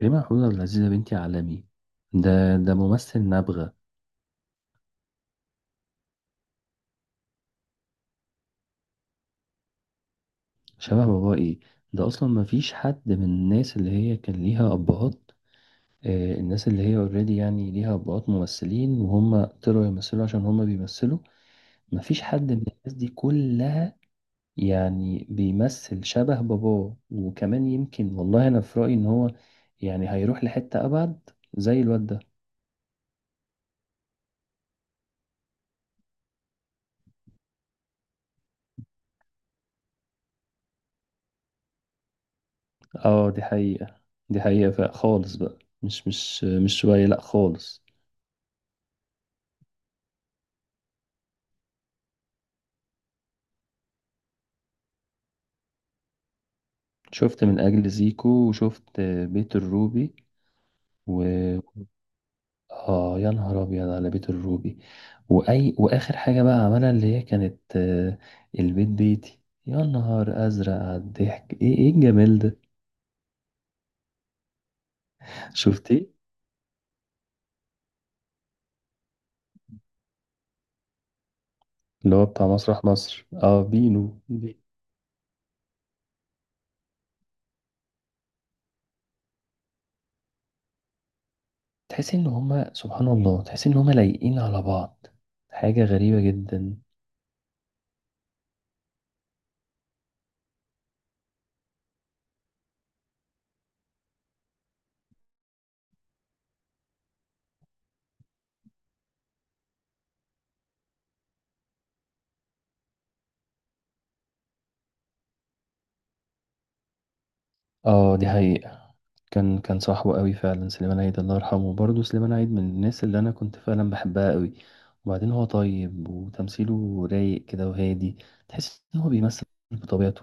كريم محمود عبد العزيز يا بنتي عالمي. ده ممثل نابغة. شبه باباه ايه؟ ده اصلا ما فيش حد من الناس اللي هي كان ليها ابهات. آه الناس اللي هي اوريدي يعني ليها ابهات ممثلين وهم طلعوا يمثلوا عشان هم بيمثلوا. ما فيش حد من الناس دي كلها يعني بيمثل شبه باباه، وكمان يمكن والله انا في رأيي ان هو يعني هيروح لحتة ابعد زي الواد ده. اه دي حقيقة، دي حقيقة فخالص بقى مش شوية، لا خالص. شفت من اجل زيكو وشفت بيت الروبي و اه يا نهار ابيض على بيت الروبي. واي واخر حاجه بقى عملها اللي هي كانت البيت بيتي. يا نهار ازرق على الضحك، ايه ايه الجمال ده. شفتيه؟ اللي هو بتاع مسرح مصر اه بينو تحس ان هما سبحان الله، تحس ان هما لايقين على بعض. حاجه غريبه جدا. اه دي حقيقة. كان صاحبه قوي فعلا. سليمان عيد الله يرحمه، برضه سليمان عيد من الناس اللي انا كنت فعلا بحبها قوي. وبعدين هو طيب وتمثيله رايق كده وهادي، تحس ان هو بيمثل بطبيعته.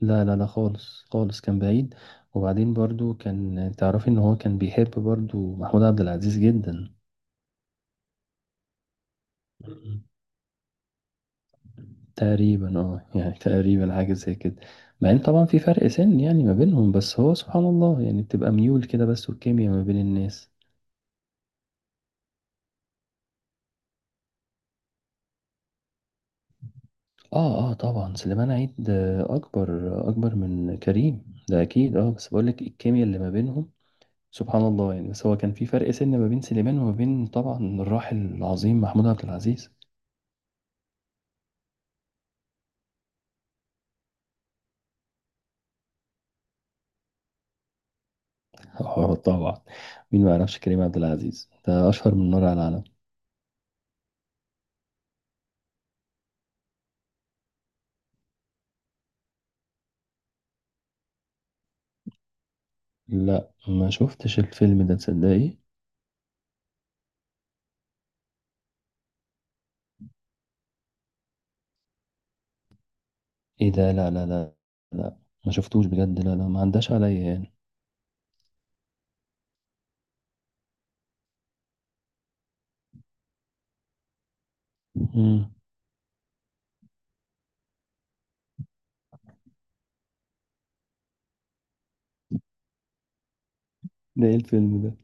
لا لا لا خالص، خالص كان بعيد. وبعدين برضه كان تعرفي ان هو كان بيحب برضه محمود عبد العزيز جدا. مم. تقريبا اه يعني تقريبا حاجة زي كده. مع ان طبعا في فرق سن يعني ما بينهم، بس هو سبحان الله يعني بتبقى ميول كده، بس والكيمياء ما بين الناس. اه اه طبعا سليمان عيد اكبر. اكبر من كريم ده اكيد. اه بس بقول لك الكيمياء اللي ما بينهم سبحان الله يعني. بس هو كان في فرق سن ما بين سليمان وما بين طبعا الراحل العظيم محمود عبد العزيز. اه طبعا، مين ما يعرفش كريم عبد العزيز؟ ده اشهر من نار على العالم. لا ما شفتش الفيلم ده، تصدقي؟ ايه ده؟ لا لا لا، لا ما شفتوش بجد، لا لا ما عداش عليا يعني. مم. ده ايه الفيلم ده؟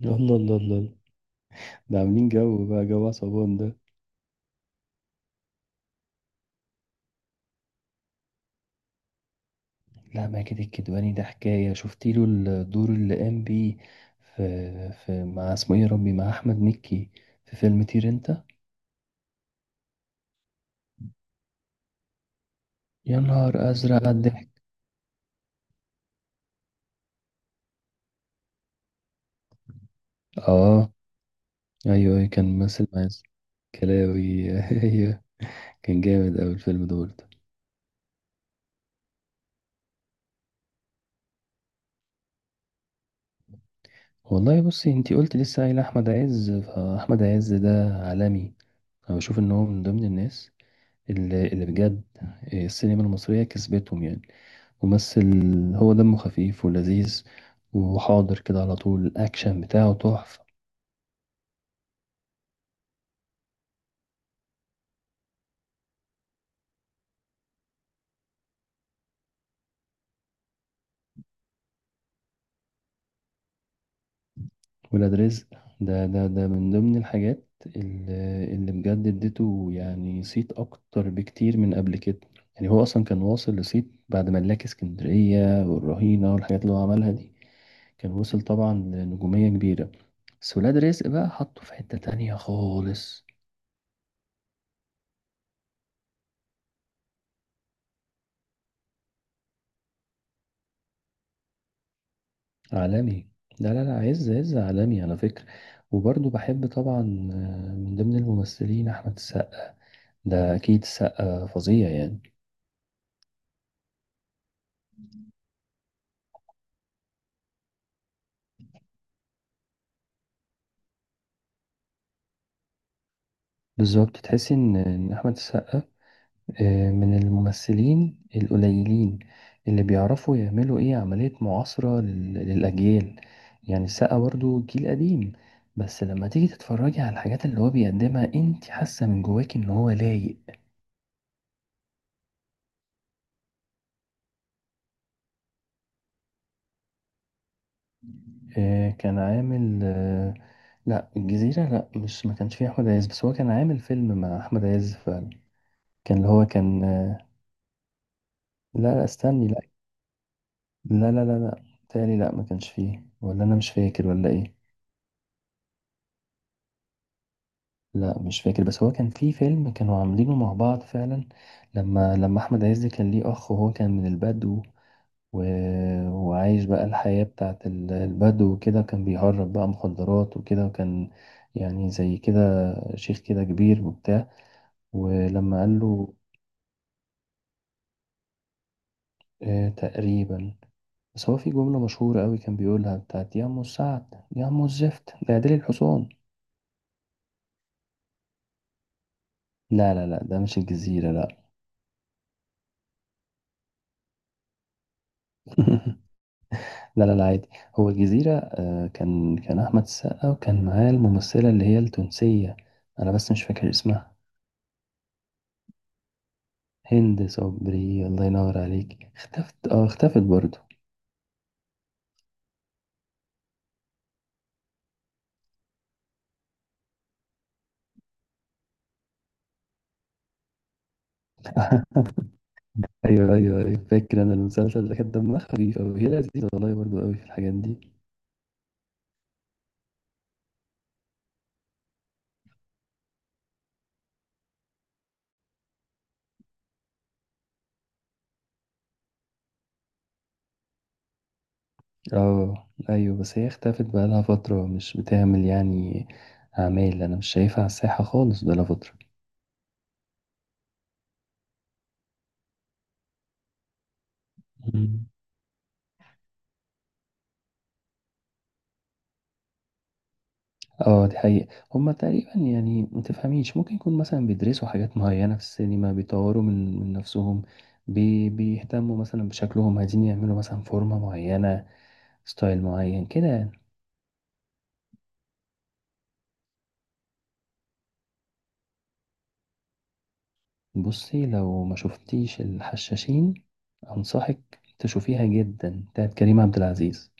الله الله الله الله. ده عاملين جو بقى، جو عصابات ده. لا ماجد الكدواني ده حكاية. شفت له الدور اللي قام بيه في، في مع اسمه ايه يا ربي، مع احمد مكي في فيلم طير انت. يا نهار ازرق على الضحك. اه ايوه أيوة، كان ممثل مع ياسر كلاوي. ايوه، كان جامد اوي الفيلم دول ده برضه. والله بصي، انتي قلت لسه قايل احمد عز، فاحمد عز ده عالمي. انا بشوف ان هو من ضمن الناس اللي بجد السينما المصرية كسبتهم يعني. ممثل، هو دمه خفيف ولذيذ، وحاضر كده على طول، الأكشن بتاعه تحفة. ولاد رزق ده ده من ضمن الحاجات اللي بجد اديته يعني صيت أكتر بكتير من قبل كده. يعني هو أصلا كان واصل لصيت بعد ملاك اسكندرية والرهينة والحاجات اللي هو عملها دي، كان وصل طبعا لنجومية كبيرة، بس ولاد رزق بقى حطه في حتة تانية خالص. عالمي، لا لا لا، عز عز عالمي على فكرة. وبرضه بحب طبعا من ضمن الممثلين أحمد السقا. ده أكيد السقا فظيع يعني. بالظبط، تحس إن أحمد السقا من الممثلين القليلين اللي بيعرفوا يعملوا إيه عملية معاصرة للأجيال. يعني السقا برضه جيل قديم، بس لما تيجي تتفرجي على الحاجات اللي هو بيقدمها انت حاسة من جواك إن هو لايق. كان عامل لا الجزيرة لا، مش ما كانش فيه أحمد عز، بس هو كان عامل فيلم مع أحمد عز فعلا. كان اللي هو كان لا لا استني لا. لا لا لا لا تالي، لا ما كانش فيه ولا أنا مش فاكر ولا إيه. لا مش فاكر، بس هو كان فيه فيلم كانوا عاملينه مع بعض فعلا. لما أحمد عز كان ليه أخ وهو كان من البدو و... وعايش بقى الحياة بتاعت البدو وكده، كان بيهرب بقى مخدرات وكده، وكان يعني زي كده شيخ كده كبير وبتاع، ولما قال له تقريبا. بس هو في جملة مشهورة قوي كان بيقولها، بتاعت يا أم السعد، يا أم الزفت ده يا ديل الحصان. لا لا لا ده مش الجزيرة، لا. لا لا لا عادي. هو الجزيرة آه كان كان أحمد السقا، وكان معاه الممثلة اللي هي التونسية، أنا بس مش فاكر اسمها. هند صبري، الله ينور عليك. اختفت، اه اختفت برضه. ايوه ايوه أيوة، فاكر انا المسلسل ده، كان دمها خفيف قوي، هي لذيذه والله برضه قوي في الحاجات دي. اه ايوه بس هي اختفت بقالها فترة، مش بتعمل يعني اعمال. انا مش شايفها على الساحة خالص بقالها فترة. مم. اه دي حقيقة. هما تقريبا يعني متفهميش، ممكن يكون مثلا بيدرسوا حاجات معينة في السينما، بيطوروا من نفسهم. بيهتموا مثلا بشكلهم، عايزين يعملوا مثلا فورمة معينة، ستايل معين كده يعني. بصي لو ما شفتيش الحشاشين، أنصحك تشوفيها جدا بتاعت كريم عبد العزيز.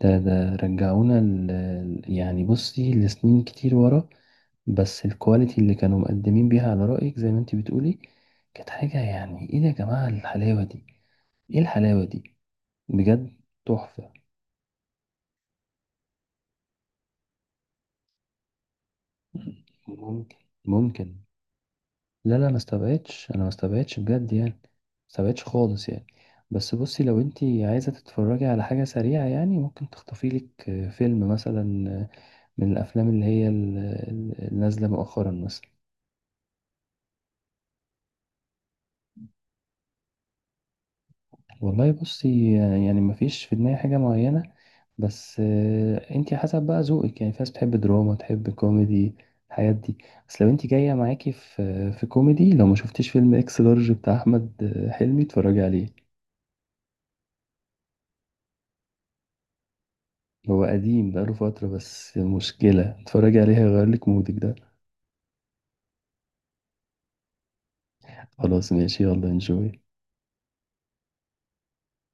ده ده رجعونا يعني بصي لسنين كتير ورا. بس الكواليتي اللي كانوا مقدمين بيها، على رأيك زي ما انت بتقولي، كانت حاجة يعني. ايه ده يا جماعة الحلاوة دي؟ ايه الحلاوة دي؟ بجد تحفة. ممكن. ممكن. لا لا ما استبعدش، انا ما استبعدش بجد يعني، ما استبعدش خالص يعني. بس بصي لو انت عايزة تتفرجي على حاجة سريعة يعني، ممكن تخطفي لك فيلم مثلا من الافلام اللي هي النازلة مؤخرا مثلا. والله بصي، يعني مفيش في دماغي حاجة معينة، بس انتي حسب بقى ذوقك يعني. في ناس بتحب دراما، تحب كوميدي، الحاجات دي. بس لو انتي جاية معاكي في في كوميدي، لو ما شفتيش فيلم اكس لارج بتاع احمد حلمي، اتفرجي عليه. هو قديم بقاله فترة، بس مشكلة اتفرجي عليه، هيغيرلك مودك ده. خلاص ماشي، يلا انجوي.